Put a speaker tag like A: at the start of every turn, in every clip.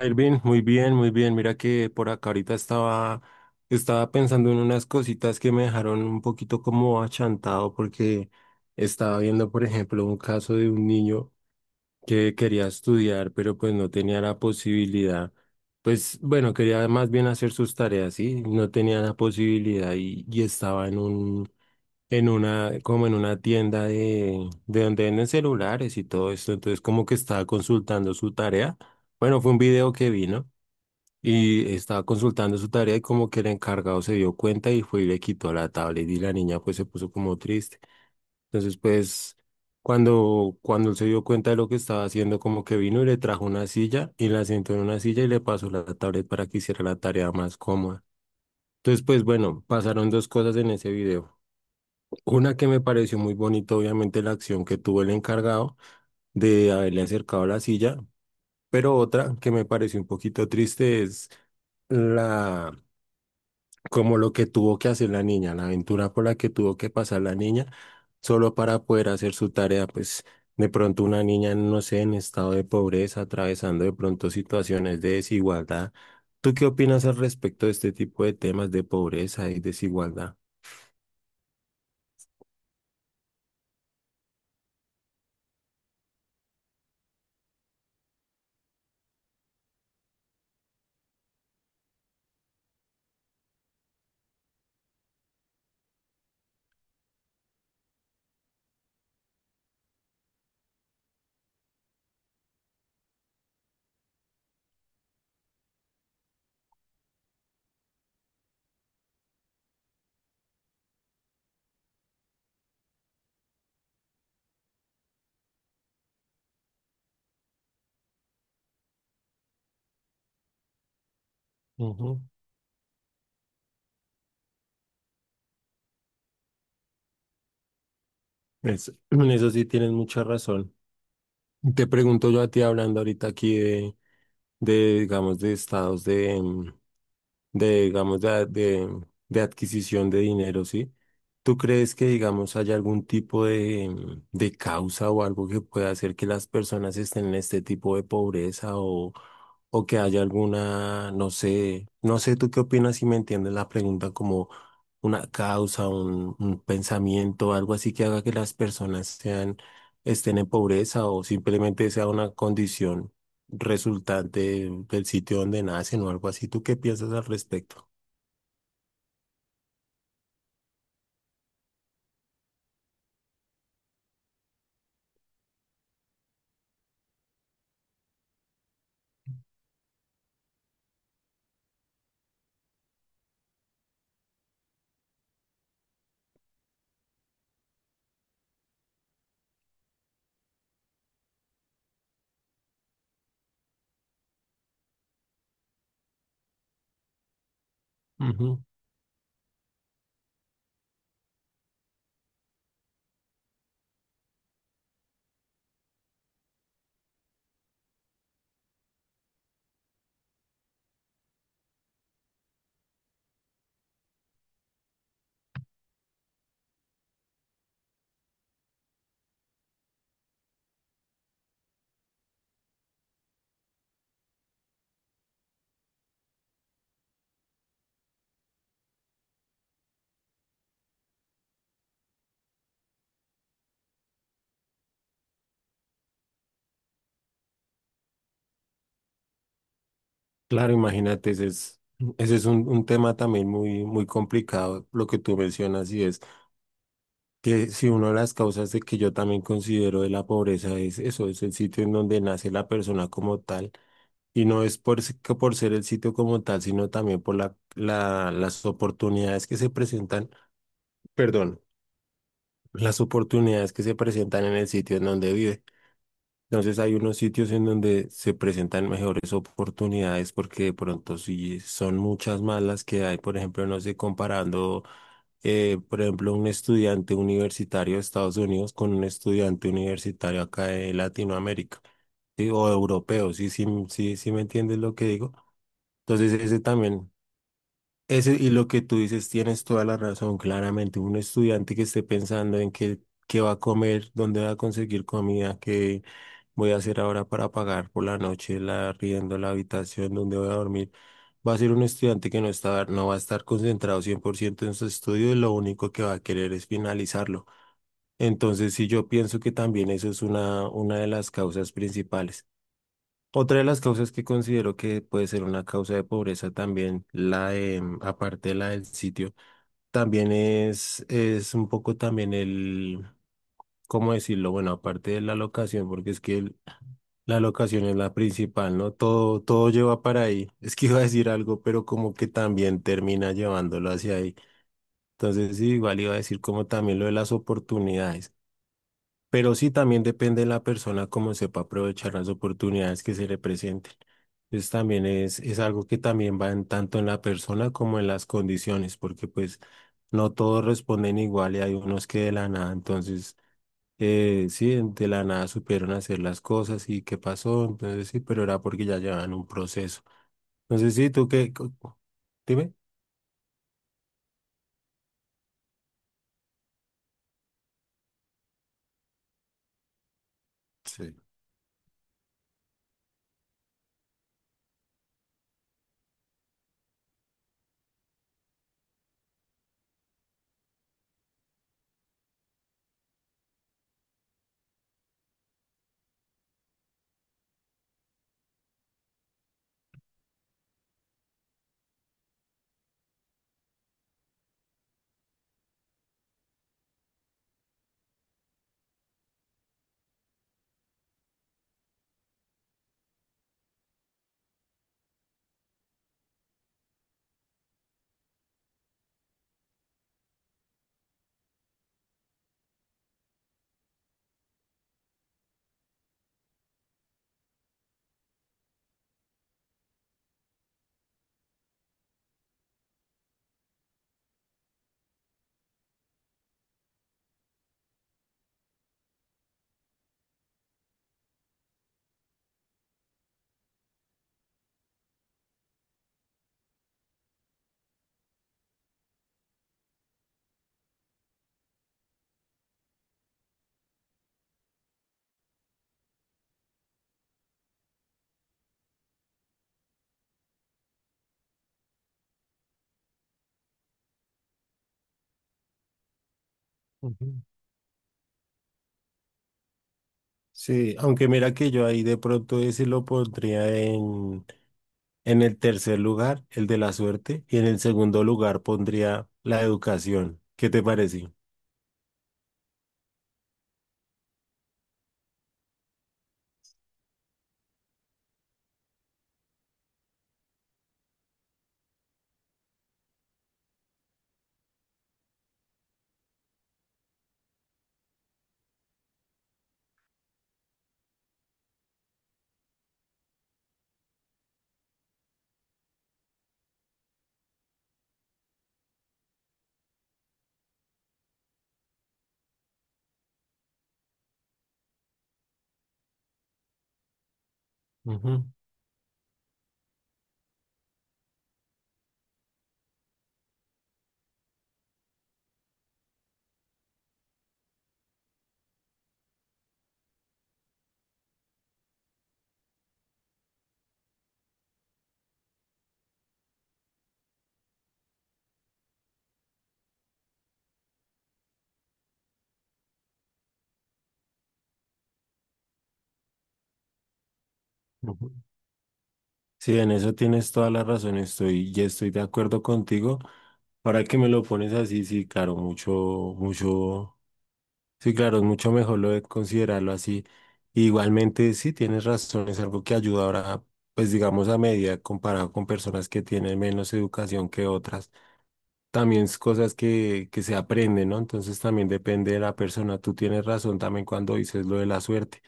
A: Irvin, muy bien, muy bien. Mira que por acá ahorita estaba pensando en unas cositas que me dejaron un poquito como achantado porque estaba viendo, por ejemplo, un caso de un niño que quería estudiar, pero pues no tenía la posibilidad. Pues bueno, quería más bien hacer sus tareas, ¿sí? No tenía la posibilidad y estaba en en una, como en una tienda de donde venden celulares y todo esto. Entonces como que estaba consultando su tarea. Bueno, fue un video que vi, ¿no? Y estaba consultando su tarea y como que el encargado se dio cuenta y fue y le quitó la tablet y la niña pues se puso como triste. Entonces pues cuando él se dio cuenta de lo que estaba haciendo como que vino y le trajo una silla y la sentó en una silla y le pasó la tablet para que hiciera la tarea más cómoda. Entonces pues bueno, pasaron dos cosas en ese video. Una que me pareció muy bonita obviamente la acción que tuvo el encargado de haberle acercado la silla, pero otra que me pareció un poquito triste es La, como lo que tuvo que hacer la niña, la aventura por la que tuvo que pasar la niña, solo para poder hacer su tarea, pues de pronto una niña, no sé, en estado de pobreza, atravesando de pronto situaciones de desigualdad. ¿Tú qué opinas al respecto de este tipo de temas de pobreza y desigualdad? Ujú. En eso sí tienes mucha razón. Te pregunto yo a ti hablando ahorita aquí de, digamos, de estados de, digamos, de adquisición de dinero, ¿sí? ¿Tú crees que, digamos, haya algún tipo de causa o algo que pueda hacer que las personas estén en este tipo de pobreza o que haya alguna, no sé, no sé, tú qué opinas si me entiendes la pregunta como una causa, un pensamiento, algo así que haga que las personas sean, estén en pobreza o simplemente sea una condición resultante del sitio donde nacen o algo así. ¿Tú qué piensas al respecto? Ujú. Claro, imagínate, ese es un tema también muy, muy complicado, lo que tú mencionas, y es que si una de las causas de que yo también considero de la pobreza es eso, es el sitio en donde nace la persona como tal, y no es que por ser el sitio como tal, sino también por las oportunidades que se presentan, perdón, las oportunidades que se presentan en el sitio en donde vive. Entonces hay unos sitios en donde se presentan mejores oportunidades porque de pronto sí son muchas más las que hay, por ejemplo, no sé, comparando, por ejemplo, un estudiante universitario de Estados Unidos con un estudiante universitario acá de Latinoamérica, ¿sí? O europeo, sí, sí, sí, sí me entiendes lo que digo. Entonces ese también, ese y lo que tú dices tienes toda la razón, claramente, un estudiante que esté pensando en qué va a comer, dónde va a conseguir comida, que voy a hacer ahora para pagar por la noche la arriendo, la habitación donde voy a dormir. Va a ser un estudiante que no está, no va a estar concentrado 100% en su estudio y lo único que va a querer es finalizarlo. Entonces, sí, yo pienso que también eso es una de las causas principales. Otra de las causas que considero que puede ser una causa de pobreza también, la aparte de la del sitio, también es un poco también ¿cómo decirlo? Bueno, aparte de la locación, porque es que la locación es la principal, ¿no? Todo, todo lleva para ahí. Es que iba a decir algo, pero como que también termina llevándolo hacia ahí. Entonces, sí, igual iba a decir como también lo de las oportunidades. Pero sí, también depende de la persona cómo sepa aprovechar las oportunidades que se le presenten. Entonces, también es algo que también va en, tanto en la persona como en las condiciones, porque pues no todos responden igual y hay unos que de la nada. Entonces, sí, de la nada supieron hacer las cosas y qué pasó, entonces sí, pero era porque ya llevaban un proceso. Entonces sí, tú qué, co- co- dime. Sí. Ujú. Sí, aunque mira que yo ahí de pronto ese lo pondría en, el tercer lugar, el de la suerte, y en el segundo lugar pondría la educación. ¿Qué te parece? Ujú, ujú. Sí, en eso tienes toda la razón, estoy, ya estoy de acuerdo contigo. Ahora que me lo pones así, sí, claro, mucho, mucho. Sí, claro, es mucho mejor lo de considerarlo así. Igualmente, sí, tienes razón, es algo que ayuda ahora, pues digamos a medida comparado con personas que tienen menos educación que otras también es cosas que se aprenden, ¿no? Entonces también depende de la persona. Tú tienes razón también cuando dices lo de la suerte.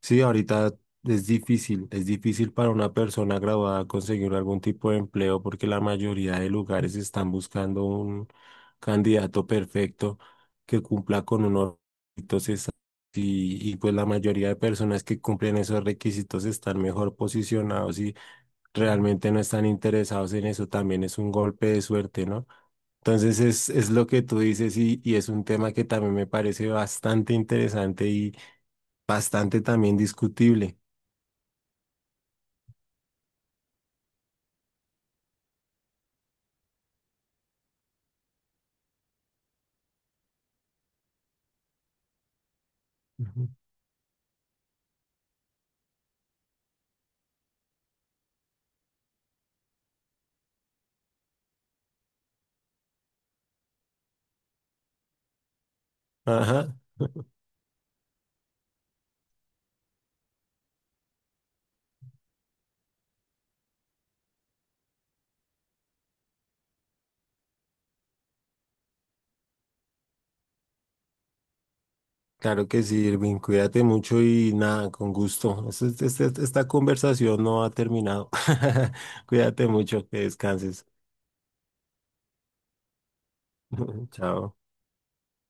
A: Sí, ahorita es difícil para una persona graduada conseguir algún tipo de empleo porque la mayoría de lugares están buscando un candidato perfecto que cumpla con unos requisitos exactos y pues la mayoría de personas que cumplen esos requisitos están mejor posicionados y realmente no están interesados en eso. También es un golpe de suerte, ¿no? Entonces es lo que tú dices y es un tema que también me parece bastante interesante y bastante también discutible. Ujú. Ajá. Claro que sí, Irving, cuídate mucho y nada, con gusto. Esta conversación no ha terminado. Cuídate mucho, que descanses. Chao.